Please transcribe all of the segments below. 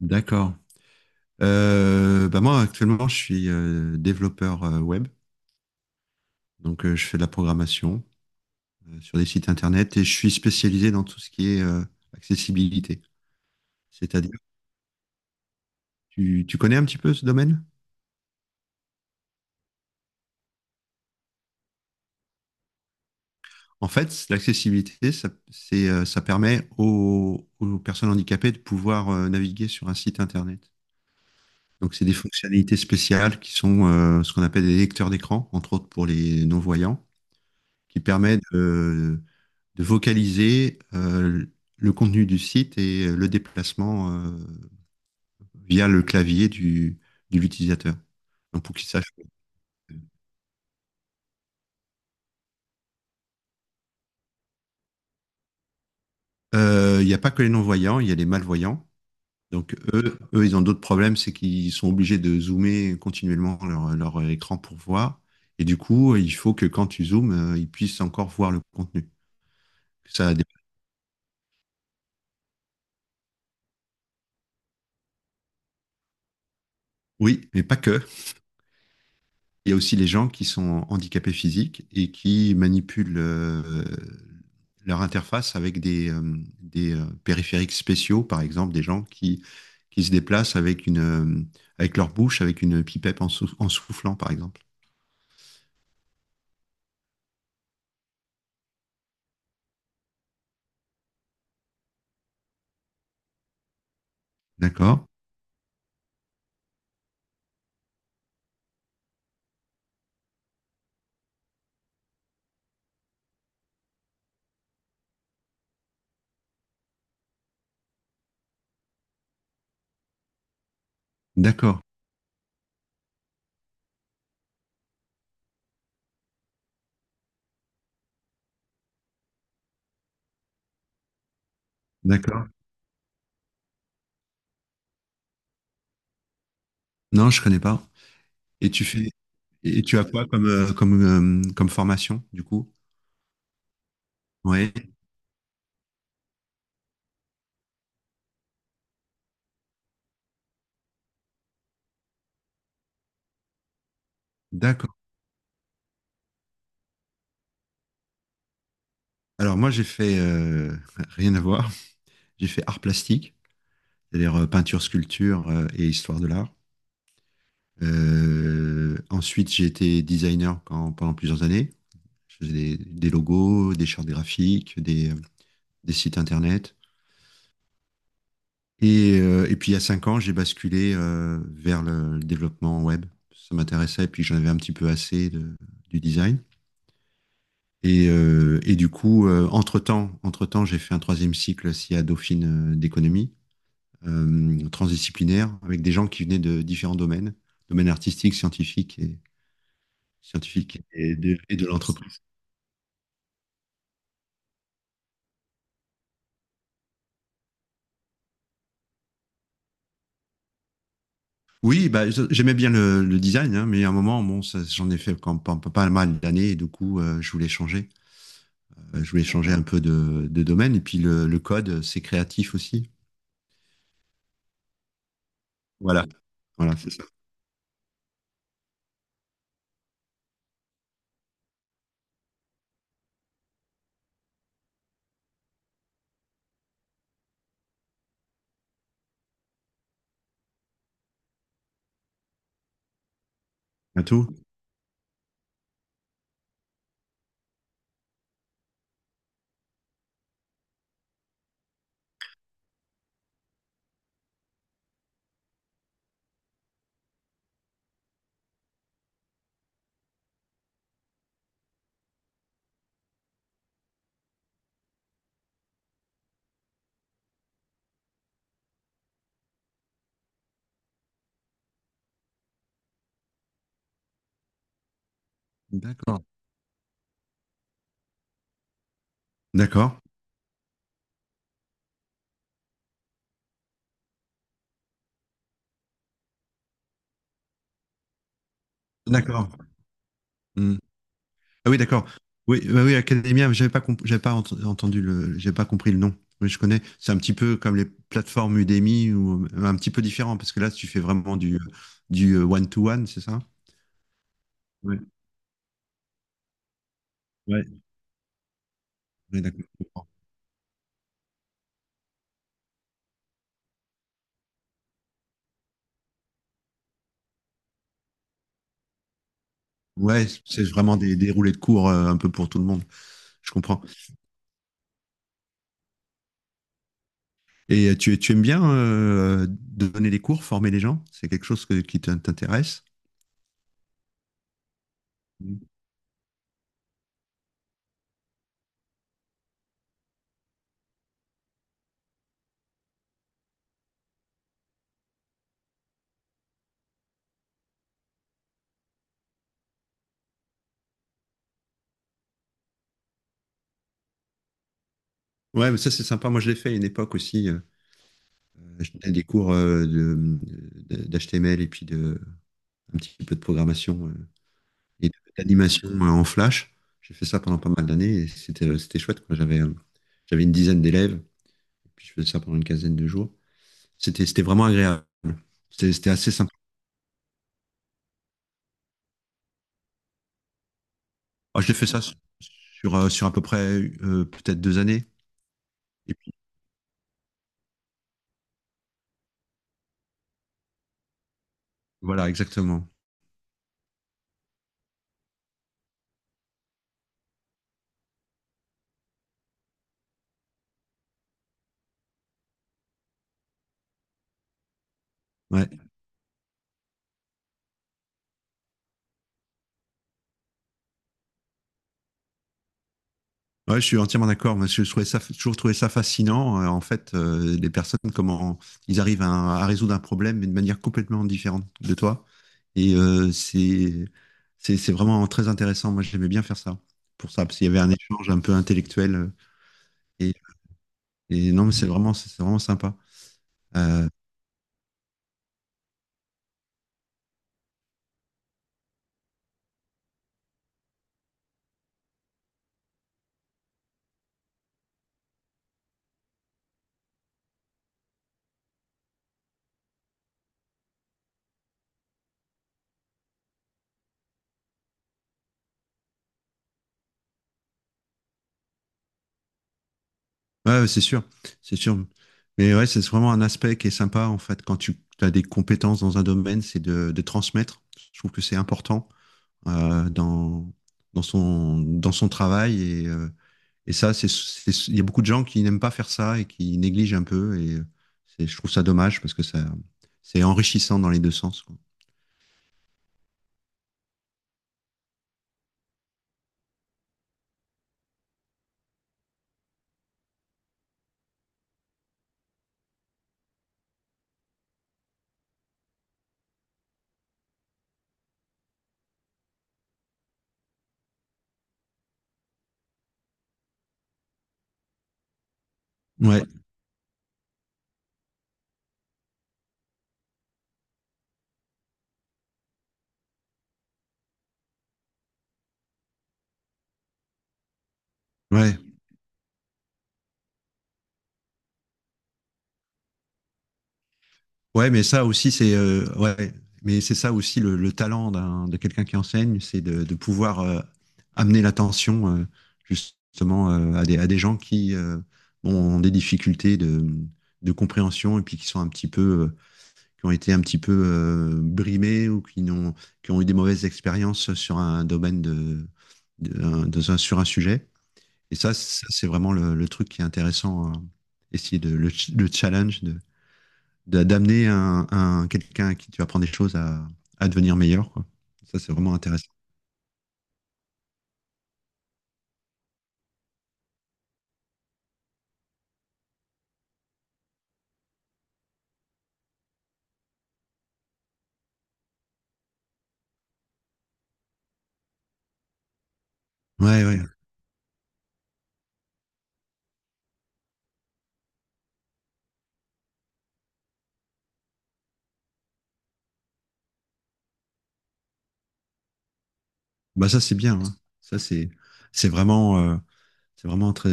D'accord. Bah moi, actuellement, je suis développeur web. Donc, je fais de la programmation sur des sites internet et je suis spécialisé dans tout ce qui est accessibilité. C'est-à-dire, tu connais un petit peu ce domaine? En fait, l'accessibilité, ça, c'est, ça permet aux personnes handicapées de pouvoir naviguer sur un site internet. Donc, c'est des fonctionnalités spéciales qui sont ce qu'on appelle des lecteurs d'écran, entre autres pour les non-voyants, qui permettent de vocaliser le contenu du site et le déplacement via le clavier de l'utilisateur. Donc pour qu'ils sachent. Il n'y a pas que les non-voyants, il y a les malvoyants. Donc eux, ils ont d'autres problèmes, c'est qu'ils sont obligés de zoomer continuellement leur écran pour voir. Et du coup, il faut que quand tu zoomes, ils puissent encore voir le contenu. Ça, dé- oui, mais pas que. Il y a aussi les gens qui sont handicapés physiques et qui manipulent leur interface avec des périphériques spéciaux, par exemple, des gens qui se déplacent avec, avec leur bouche, avec une pipette en soufflant, par exemple. D'accord? D'accord. D'accord. Non, je connais pas. Et tu fais, et tu as quoi comme, comme, comme formation, du coup? Oui, d'accord. Alors moi, j'ai fait rien à voir. J'ai fait art plastique, c'est-à-dire peinture, sculpture et histoire de l'art. Ensuite, j'ai été designer quand- pendant plusieurs années. Je faisais des logos, des chartes graphiques, des sites internet. Et puis, il y a 5 ans, j'ai basculé vers le développement web. Ça m'intéressait, et puis j'en avais un petit peu assez du design. Et du coup, entre-temps, j'ai fait un troisième cycle SIA Dauphine d'économie transdisciplinaire avec des gens qui venaient de différents domaines, domaines artistiques, scientifiques et, scientifiques et de l'entreprise. Oui, bah, j'aimais bien le design, hein, mais à un moment, bon, j'en ai fait pas mal d'années, et du coup, je voulais changer. Je voulais changer un peu de domaine, et puis le code, c'est créatif aussi. Voilà, voilà, c'est ça. À tout. D'accord. D'accord. D'accord. Hmm. Ah oui, d'accord. Oui, bah oui, Academia, j'avais pas entendu j'avais pas compris le nom. Oui, je connais. C'est un petit peu comme les plateformes Udemy, ou un petit peu différent, parce que là, tu fais vraiment du one-to-one, c'est ça? Ouais, ouais, ouais, d'accord. Ouais, c'est vraiment des roulées de cours un peu pour tout le monde. Je comprends. Et tu aimes bien donner des cours, former les gens? C'est quelque chose que- Qui t'intéresse? Mm. Ouais, mais ça c'est sympa. Moi je l'ai fait à une époque aussi. Je donnais des cours d'HTML et puis de un petit peu de programmation et d'animation en Flash. J'ai fait ça pendant pas mal d'années et c'était c'était chouette quoi. J'avais une dizaine d'élèves et puis je faisais ça pendant une quinzaine de jours. C'était vraiment agréable. C'était assez sympa. Ah, j'ai fait ça sur à peu près peut-être 2 années. Et puis voilà, exactement. Ouais. Ouais, je suis entièrement d'accord. Moi, je trouvais ça, j'ai toujours trouvé ça fascinant. Les personnes, comment ils arrivent à résoudre un problème, mais de manière complètement différente de toi. Et euh, c'est, c'est vraiment très intéressant. Moi, j'aimais bien faire ça. Pour ça, parce qu'il y avait un échange un peu intellectuel. Et, et non, mais c'est vraiment sympa. Euh, Ouais, c'est sûr, c'est sûr. Mais ouais, c'est vraiment un aspect qui est sympa, en fait, quand tu as des compétences dans un domaine, c'est de transmettre. Je trouve que c'est important euh, dans, dans son travail. Et ça, il y a beaucoup de gens qui n'aiment pas faire ça et qui négligent un peu. Je trouve ça dommage parce que ça, c'est enrichissant dans les deux sens, quoi. Ouais, ouais. Ouais, mais ça aussi, mais c'est ça aussi le talent d'un, de quelqu'un qui enseigne, c'est de pouvoir amener l'attention justement à des gens qui, bon, ont des difficultés de compréhension et puis qui sont un petit peu, euh, qui ont été un petit peu brimés ou qui n'ont, qui ont eu des mauvaises expériences sur un domaine de, un- dans un- sur un sujet. Et ça, c'est vraiment le truc qui est intéressant, hein. Essayer de le, ch- le challenge de d'amener quelqu'un à qui tu apprends des choses à devenir meilleur, quoi. Ça, c'est vraiment intéressant. Ouais, ouais. Bah ça, c'est bien. Hein. Ça, c'est vraiment euh, c'est vraiment très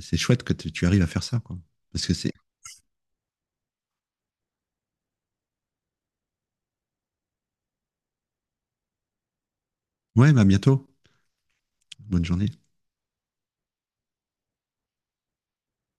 c'est chouette que tu arrives à faire ça, quoi. Parce que c'est ouais, bah à bientôt. Bonne journée.